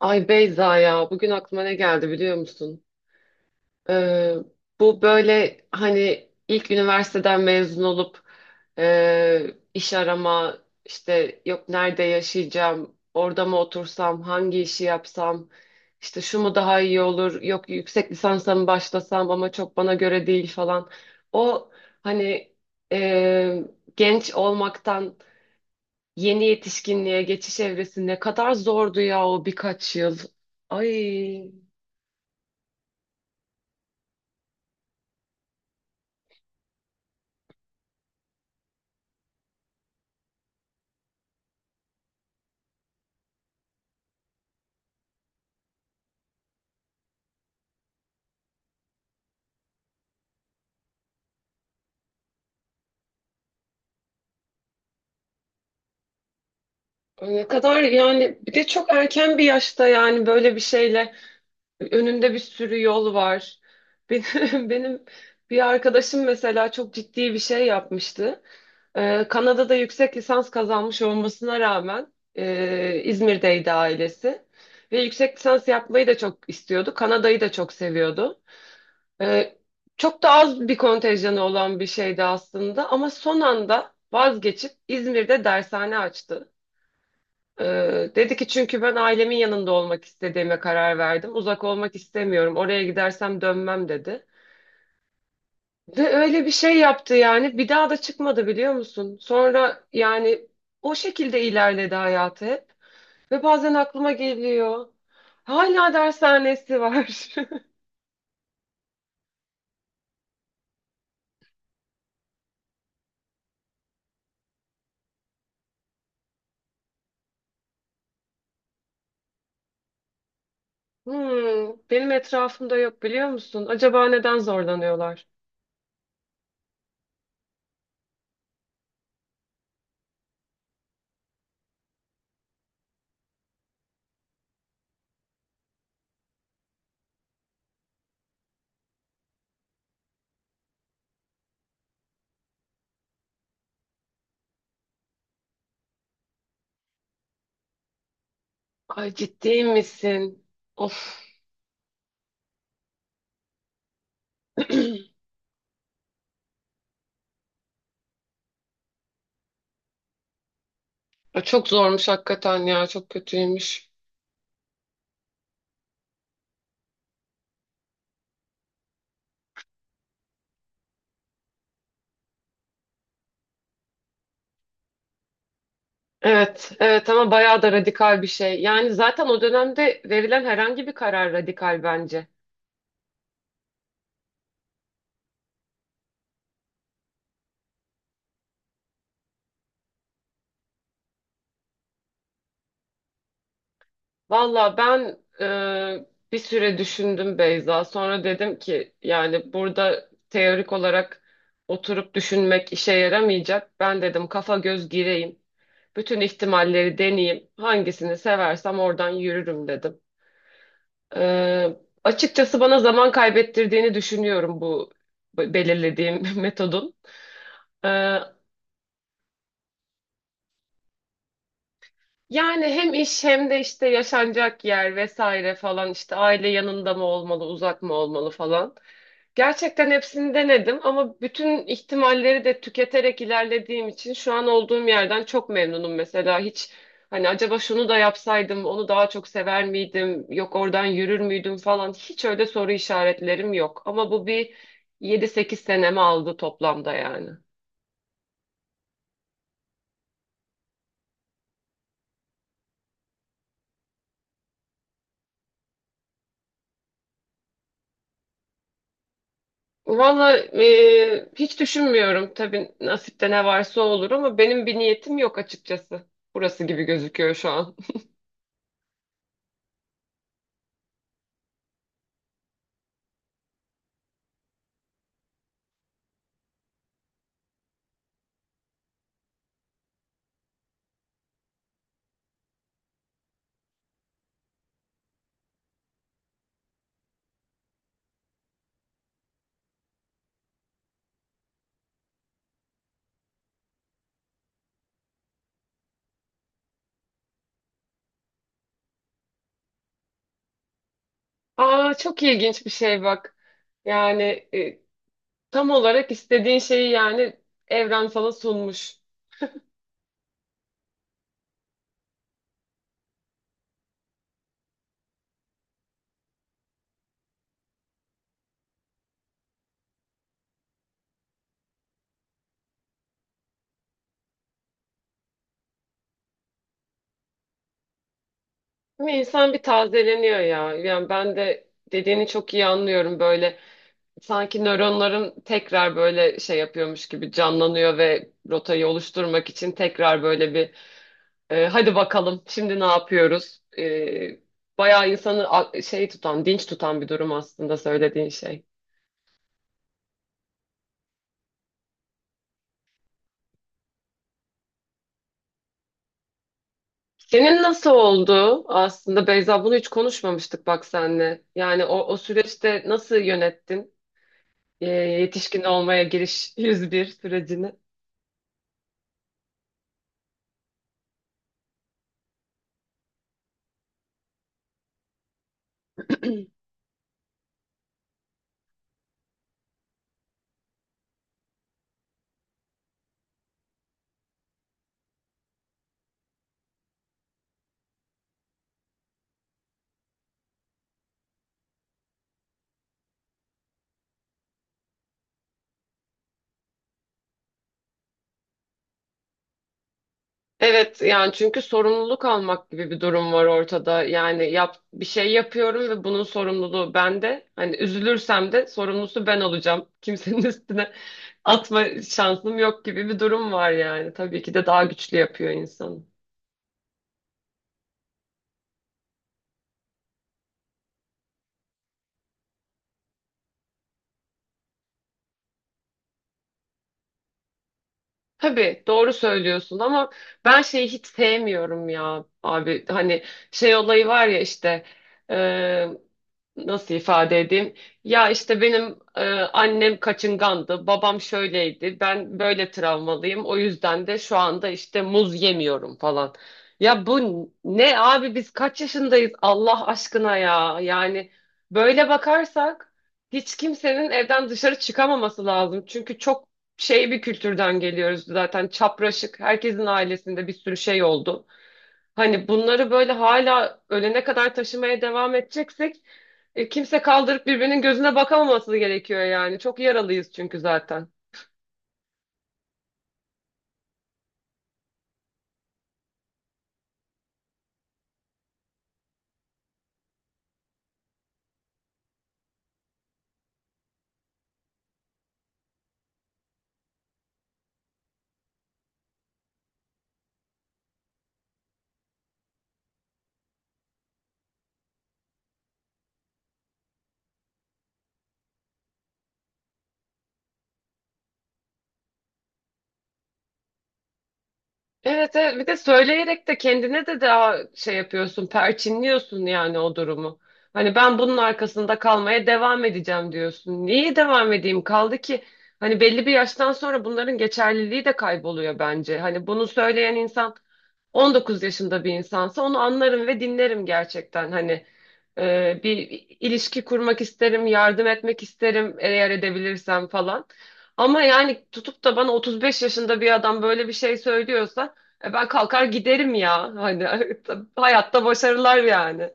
Ay Beyza ya bugün aklıma ne geldi biliyor musun? Ee, Bu böyle hani ilk üniversiteden mezun olup e, iş arama işte yok nerede yaşayacağım orada mı otursam hangi işi yapsam işte şu mu daha iyi olur yok yüksek lisansa mı başlasam ama çok bana göre değil falan. O hani e, genç olmaktan yeni yetişkinliğe geçiş evresi ne kadar zordu ya o birkaç yıl. Ay ne kadar yani bir de çok erken bir yaşta yani böyle bir şeyle önünde bir sürü yol var. Benim, benim bir arkadaşım mesela çok ciddi bir şey yapmıştı. Kanada'da yüksek lisans kazanmış olmasına rağmen İzmir'deydi ailesi. Ve yüksek lisans yapmayı da çok istiyordu. Kanada'yı da çok seviyordu. Ee, Çok da az bir kontenjanı olan bir şeydi aslında ama son anda vazgeçip İzmir'de dershane açtı. Dedi ki çünkü ben ailemin yanında olmak istediğime karar verdim. Uzak olmak istemiyorum. Oraya gidersem dönmem dedi. Ve öyle bir şey yaptı yani. Bir daha da çıkmadı biliyor musun? Sonra yani o şekilde ilerledi hayatı hep. Ve bazen aklıma geliyor. Hala dershanesi var. Hmm, Benim etrafımda yok biliyor musun? Acaba neden zorlanıyorlar? Ay ciddi misin? Of. Ay, çok zormuş hakikaten ya. Çok kötüymüş. Evet, evet ama bayağı da radikal bir şey. Yani zaten o dönemde verilen herhangi bir karar radikal bence. Valla ben e, bir süre düşündüm Beyza. Sonra dedim ki yani burada teorik olarak oturup düşünmek işe yaramayacak. Ben dedim kafa göz gireyim. Bütün ihtimalleri deneyeyim. Hangisini seversem oradan yürürüm dedim. Ee, Açıkçası bana zaman kaybettirdiğini düşünüyorum bu belirlediğim metodun. Ee, Yani hem iş hem de işte yaşanacak yer vesaire falan işte aile yanında mı olmalı, uzak mı olmalı falan. Gerçekten hepsini denedim ama bütün ihtimalleri de tüketerek ilerlediğim için şu an olduğum yerden çok memnunum mesela. Hiç hani acaba şunu da yapsaydım onu daha çok sever miydim? Yok oradan yürür müydüm falan. Hiç öyle soru işaretlerim yok. Ama bu bir yedi sekiz senemi aldı toplamda yani. Valla hiç düşünmüyorum. Tabii nasipte ne varsa olur ama benim bir niyetim yok açıkçası. Burası gibi gözüküyor şu an. Aa çok ilginç bir şey bak. Yani tam olarak istediğin şeyi yani evren sana sunmuş. Ama insan bir tazeleniyor ya. Yani ben de dediğini çok iyi anlıyorum böyle. Sanki nöronların tekrar böyle şey yapıyormuş gibi canlanıyor ve rotayı oluşturmak için tekrar böyle bir hadi bakalım şimdi ne yapıyoruz? Bayağı insanı şey tutan, dinç tutan bir durum aslında söylediğin şey. Senin nasıl oldu aslında Beyza bunu hiç konuşmamıştık bak senle. Yani o süreçte nasıl yönettin? Yetişkin olmaya giriş 101 sürecini. Evet yani çünkü sorumluluk almak gibi bir durum var ortada. Yani yap bir şey yapıyorum ve bunun sorumluluğu bende. Hani üzülürsem de sorumlusu ben olacağım. Kimsenin üstüne atma şansım yok gibi bir durum var yani. Tabii ki de daha güçlü yapıyor insanı. Tabii doğru söylüyorsun ama ben şeyi hiç sevmiyorum ya abi. Hani şey olayı var ya işte nasıl ifade edeyim? Ya işte benim annem kaçıngandı, babam şöyleydi, ben böyle travmalıyım. O yüzden de şu anda işte muz yemiyorum falan. Ya bu ne abi biz kaç yaşındayız Allah aşkına ya. Yani böyle bakarsak hiç kimsenin evden dışarı çıkamaması lazım. Çünkü çok şey bir kültürden geliyoruz zaten çapraşık. Herkesin ailesinde bir sürü şey oldu. Hani bunları böyle hala ölene kadar taşımaya devam edeceksek kimse kaldırıp birbirinin gözüne bakamaması gerekiyor yani. Çok yaralıyız çünkü zaten. Evet, evet bir de söyleyerek de kendine de daha şey yapıyorsun, perçinliyorsun yani o durumu. Hani ben bunun arkasında kalmaya devam edeceğim diyorsun. Niye devam edeyim? Kaldı ki hani belli bir yaştan sonra bunların geçerliliği de kayboluyor bence. Hani bunu söyleyen insan 19 yaşında bir insansa onu anlarım ve dinlerim gerçekten. Hani bir ilişki kurmak isterim, yardım etmek isterim eğer edebilirsem falan. Ama yani tutup da bana 35 yaşında bir adam böyle bir şey söylüyorsa ben kalkar giderim ya. Hani hayatta başarılar yani.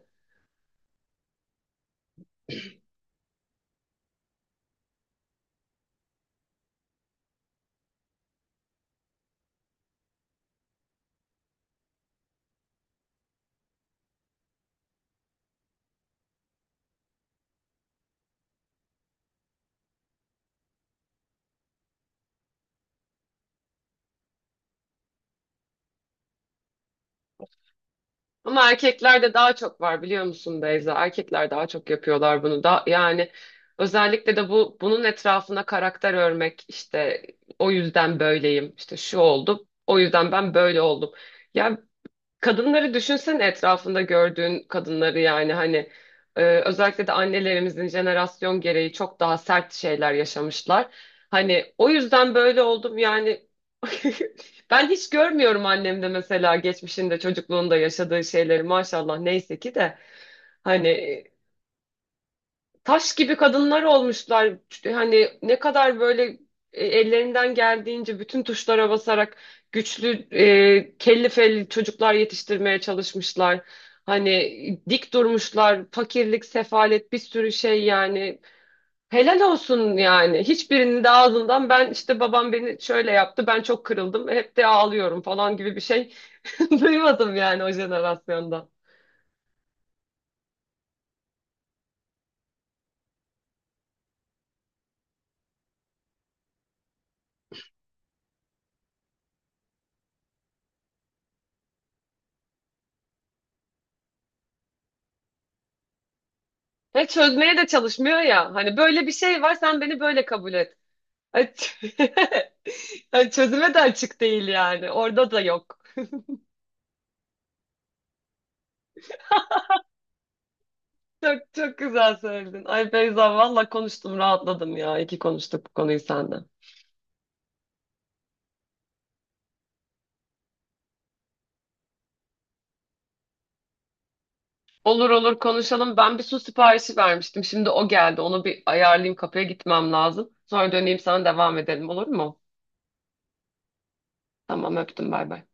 Ama erkeklerde daha çok var biliyor musun Beyza? Erkekler daha çok yapıyorlar bunu da yani özellikle de bunun etrafına karakter örmek işte o yüzden böyleyim işte şu oldu o yüzden ben böyle oldum. Ya kadınları düşünsene etrafında gördüğün kadınları yani hani özellikle de annelerimizin jenerasyon gereği çok daha sert şeyler yaşamışlar. Hani o yüzden böyle oldum yani ben hiç görmüyorum annemde mesela geçmişinde çocukluğunda yaşadığı şeyleri maşallah neyse ki de hani taş gibi kadınlar olmuşlar. Hani ne kadar böyle ellerinden geldiğince bütün tuşlara basarak güçlü, kelli felli çocuklar yetiştirmeye çalışmışlar. Hani dik durmuşlar, fakirlik, sefalet bir sürü şey yani. Helal olsun yani. Hiçbirinin de ağzından ben işte babam beni şöyle yaptı, ben çok kırıldım, hep de ağlıyorum falan gibi bir şey duymadım yani o jenerasyonda. Hiç çözmeye de çalışmıyor ya. Hani böyle bir şey var, sen beni böyle kabul et. Ay, yani çözüme de açık değil yani. Orada da yok. Çok çok güzel söyledin. Ay Beyza valla konuştum rahatladım ya. İyi ki konuştuk bu konuyu senden. Olur olur konuşalım. Ben bir su siparişi vermiştim. Şimdi o geldi. Onu bir ayarlayayım. Kapıya gitmem lazım. Sonra döneyim sana devam edelim olur mu? Tamam öptüm bay bay.